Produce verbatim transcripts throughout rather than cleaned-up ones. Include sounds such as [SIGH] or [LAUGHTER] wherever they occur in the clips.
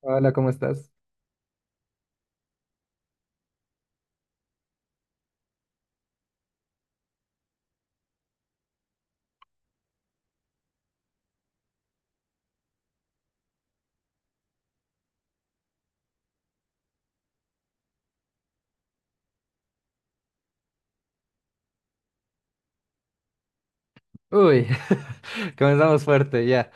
Hola, ¿cómo estás? Uy, [LAUGHS] comenzamos fuerte ya.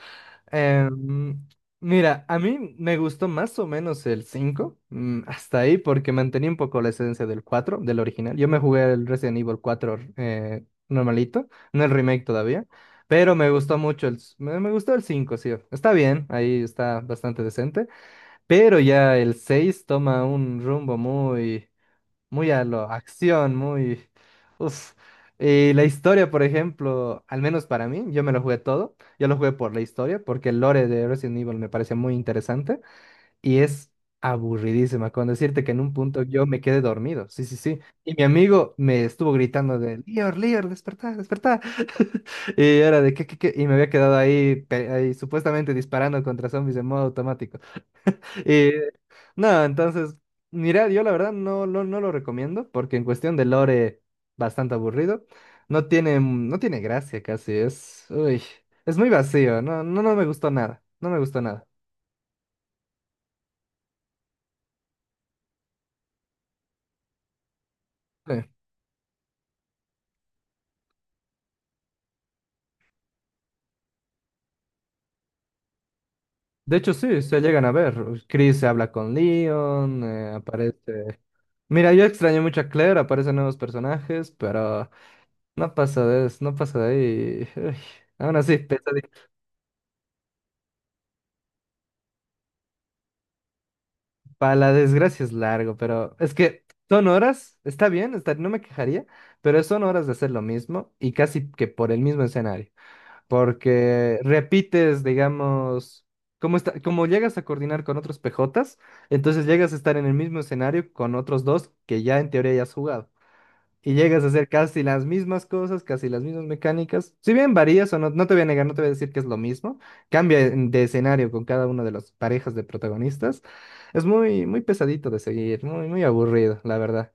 Em, mira, a mí me gustó más o menos el cinco, mm, hasta ahí, porque mantenía un poco la esencia del cuatro, del original. Yo me jugué el Resident Evil cuatro eh, normalito, no el remake todavía, pero me gustó mucho el, s- me, me gustó el cinco, sí. Está bien, ahí está bastante decente, pero ya el seis toma un rumbo muy... muy a lo acción, muy... Uf. Y la historia, por ejemplo, al menos para mí, yo me lo jugué todo. Yo lo jugué por la historia, porque el lore de Resident Evil me parece muy interesante y es aburridísima. Con decirte que en un punto yo me quedé dormido. Sí, sí, sí. Y mi amigo me estuvo gritando de, Lior, Lior, despertá, despertá. [LAUGHS] Y era de, ¿qué, qué, qué? Y me había quedado ahí, pe- ahí supuestamente disparando contra zombies en modo automático. Eh, no, entonces, mira, yo la verdad no, no, no lo recomiendo porque en cuestión de lore, bastante aburrido. No tiene, mm, no tiene gracia casi, es, uy, es muy vacío, no, no, no me gustó nada, no me gustó nada. Sí. de hecho, sí, se llegan a ver. Chris se habla con Leon, eh, aparece... Mira, yo extrañé mucho a Claire, aparecen nuevos personajes, pero no pasa de, eso, no pasa de ahí. Uy, aún así, para la desgracia es largo, pero es que son horas, está bien, está- no me quejaría, pero son horas de hacer lo mismo y casi que por el mismo escenario, porque repites, digamos, como está, como llegas a coordinar con otros P Js, entonces llegas a estar en el mismo escenario con otros dos que ya en teoría ya has jugado y llegas a hacer casi las mismas cosas, casi las mismas mecánicas. Si bien varías o no, no te voy a negar, no te voy a decir que es lo mismo. Cambia en- de escenario con cada una de las parejas de protagonistas. Es muy, muy pesadito de seguir, muy, muy aburrido, la verdad.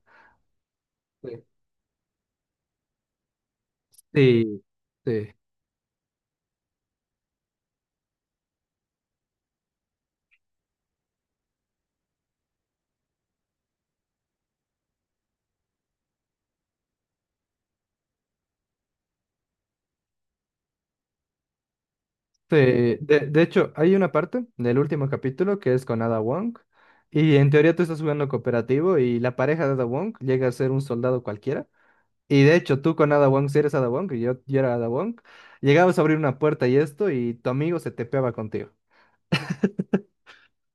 Sí, sí, sí. Sí. De, de hecho, hay una parte del último capítulo que es con Ada Wong. Y en teoría tú estás jugando cooperativo y la pareja de Ada Wong llega a ser un soldado cualquiera. Y de hecho, tú con Ada Wong, si eres Ada Wong, y yo, yo era Ada Wong, llegabas a abrir una puerta y esto, y tu amigo se tepeaba contigo.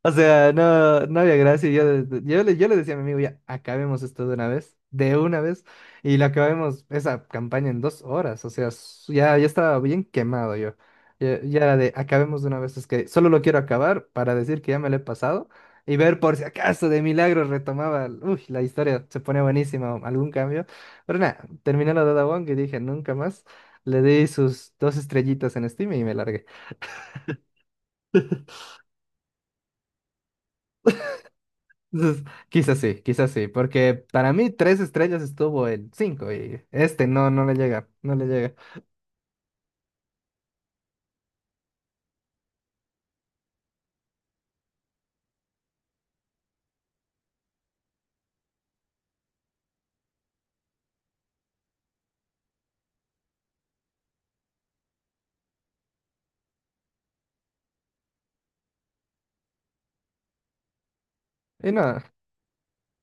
O sea, no, no había gracia. Y Yo, yo, le, yo le decía a mi amigo, ya, acabemos esto de una vez, de una vez. Y la acabemos esa campaña en dos horas. O sea, s- ya, ya estaba bien quemado yo. Ya, ya era de, acabemos de una vez. Es que solo lo quiero acabar para decir que ya me lo he pasado y ver por si acaso de milagro retomaba. Uy, la historia se pone buenísima, o algún cambio. Pero nada, terminé la Dada Wong y dije, nunca más. Le di sus dos estrellitas en Steam y me largué. Entonces, quizás sí, quizás sí, porque para mí tres estrellas estuvo en cinco y este no, no le llega, no le llega. Y no,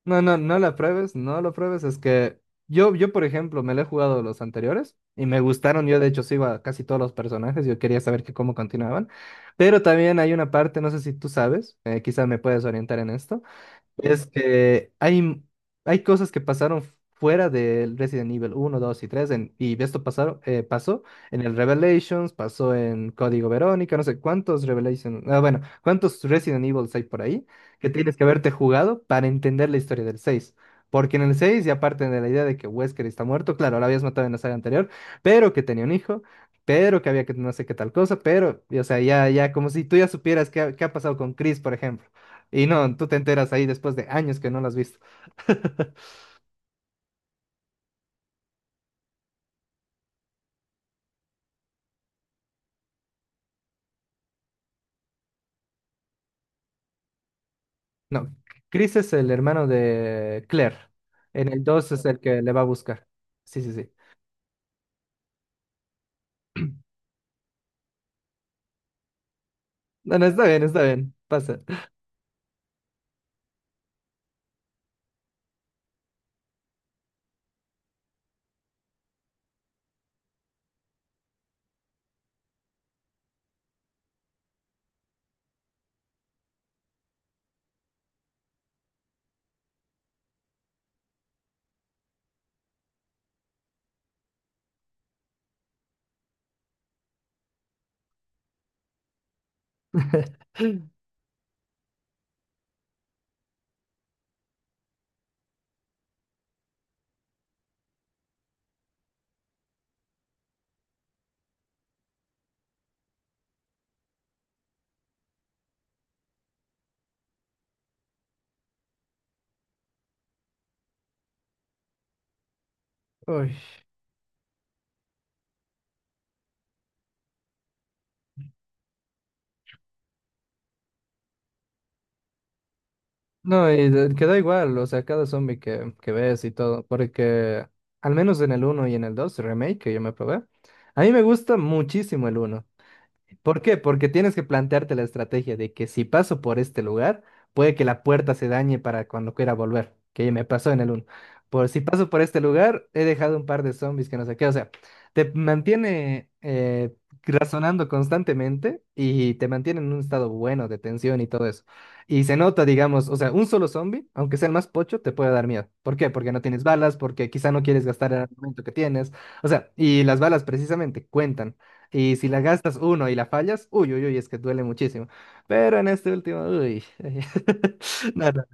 no, no, no la pruebes, no lo pruebes, es que yo, yo por ejemplo, me lo he jugado los anteriores y me gustaron, yo de hecho sigo a casi todos los personajes, yo quería saber que cómo continuaban, pero también hay una parte, no sé si tú sabes, eh, quizás me puedes orientar en esto. Es que hay, hay cosas que pasaron fuera del Resident Evil uno, dos y tres, en- y esto pasaron, eh, pasó en el Revelations, pasó en Código Verónica, no sé cuántos Revelations, ah, bueno, cuántos Resident Evils hay por ahí que tienes que haberte jugado para entender la historia del seis, porque en el seis ya aparte de la idea de que Wesker está muerto, claro, lo habías matado en la saga anterior, pero que tenía un hijo, pero que había que no sé qué tal cosa, pero, y, o sea, ya, ya, como si tú ya supieras qué, ha- qué ha pasado con Chris, por ejemplo. Y no, tú te enteras ahí después de años que no lo has visto. [LAUGHS] No, Chris es el hermano de Claire. En el dos es el que le va a buscar. Sí, sí, sí. No, no, está bien, está bien. Pasa. [LAUGHS] Uy. No, y de- queda igual, o sea, cada zombie que, que ves y todo, porque al menos en el uno y en el dos remake que yo me, probé, a mí me gusta muchísimo el uno. ¿Por qué? Porque tienes que plantearte la estrategia de que si paso por este lugar, puede que la puerta se dañe para cuando quiera volver, que me pasó en el uno. Por si paso por este lugar, he dejado un par de zombies que no sé qué. O sea, te mantiene eh, razonando constantemente y te mantiene en un estado bueno de tensión y todo eso. Y se nota, digamos, o sea, un solo zombie, aunque sea el más pocho, te puede dar miedo. ¿Por qué? Porque no tienes balas, porque quizá no quieres gastar el armamento que tienes. O sea, y las balas precisamente cuentan. Y si la gastas uno y la fallas, uy, uy, uy, es que duele muchísimo. Pero en este último, uy. [LAUGHS] No, no.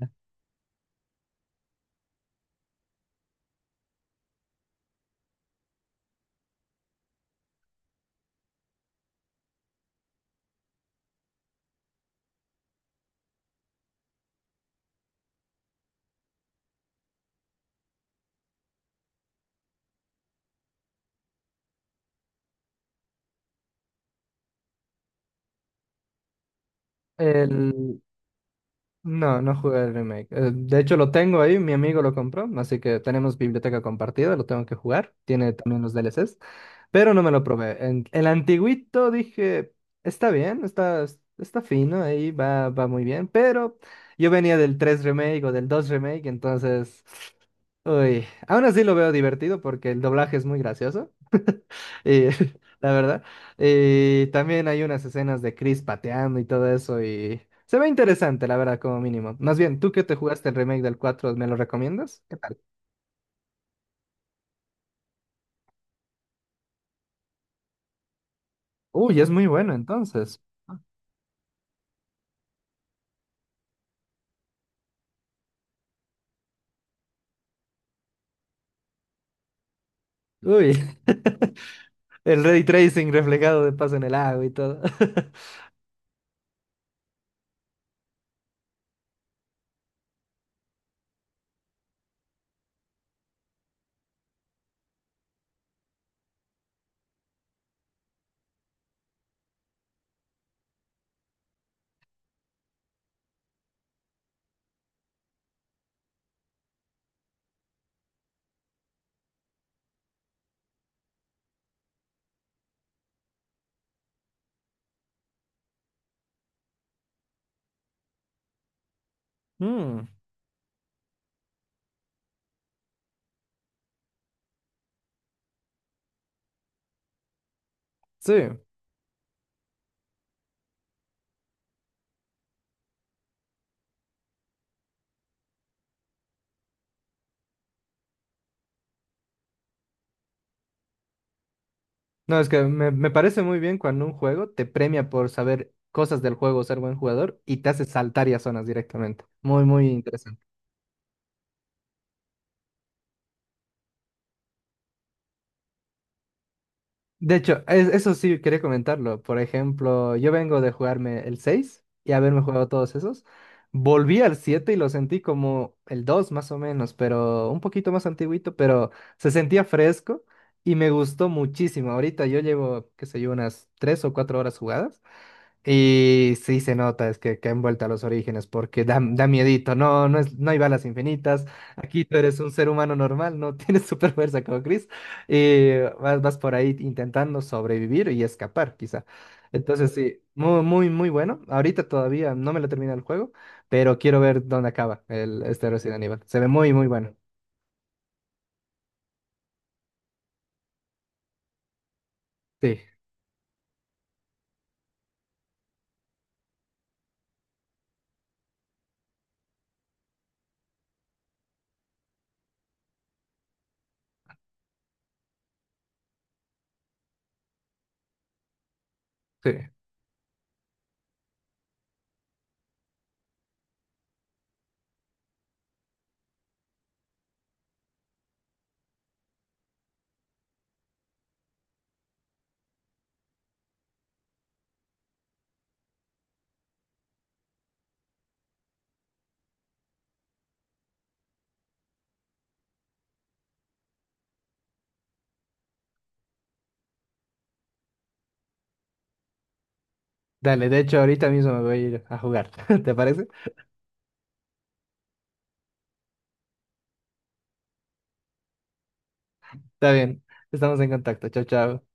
El... No, no jugué el remake. Eh, De hecho, lo tengo ahí, mi amigo lo compró, así que tenemos biblioteca compartida, lo tengo que jugar. Tiene también los D L Cs, pero no me lo probé. En- el antiguito dije, está bien, está, está fino, ahí va, va muy bien, pero yo venía del tres remake o del dos remake, entonces... Uy, aún así lo veo divertido porque el doblaje es muy gracioso, eh, [LAUGHS] la verdad. Eh, también hay unas escenas de Chris pateando y todo eso y se ve interesante, la verdad, como mínimo. Más bien, tú que te jugaste el remake del cuatro, ¿me lo recomiendas? ¿Qué tal? Uy, es muy bueno entonces. Uy, [LAUGHS] el ray tracing reflejado de paso en el agua y todo. [LAUGHS] Mm, sí. No, es que me, me parece muy bien cuando un juego te premia por saber cosas del juego, ser buen jugador y te hace saltar y a zonas directamente. Muy, muy interesante. De hecho, es- eso sí quería comentarlo. Por ejemplo, yo vengo de jugarme el seis y haberme jugado todos esos. Volví al siete y lo sentí como el dos más o menos, pero un poquito más antiguito, pero se sentía fresco y me gustó muchísimo. Ahorita yo llevo, qué sé yo, unas tres o cuatro horas jugadas y sí se nota, es que, que han vuelto a los orígenes, porque da, da miedito, no, no es, no hay balas infinitas, aquí tú eres un ser humano normal, no tienes [LAUGHS] super fuerza como Chris, y vas, vas por ahí intentando sobrevivir y escapar, quizá. Entonces sí, muy, muy, muy bueno. Ahorita todavía no me lo termina el juego, pero quiero ver dónde acaba el, este Resident Evil. Se ve muy, muy bueno. Sí, sí. Dale, de hecho ahorita mismo me voy a ir a jugar, [LAUGHS] ¿te parece? Está bien, estamos en contacto, chao, chao.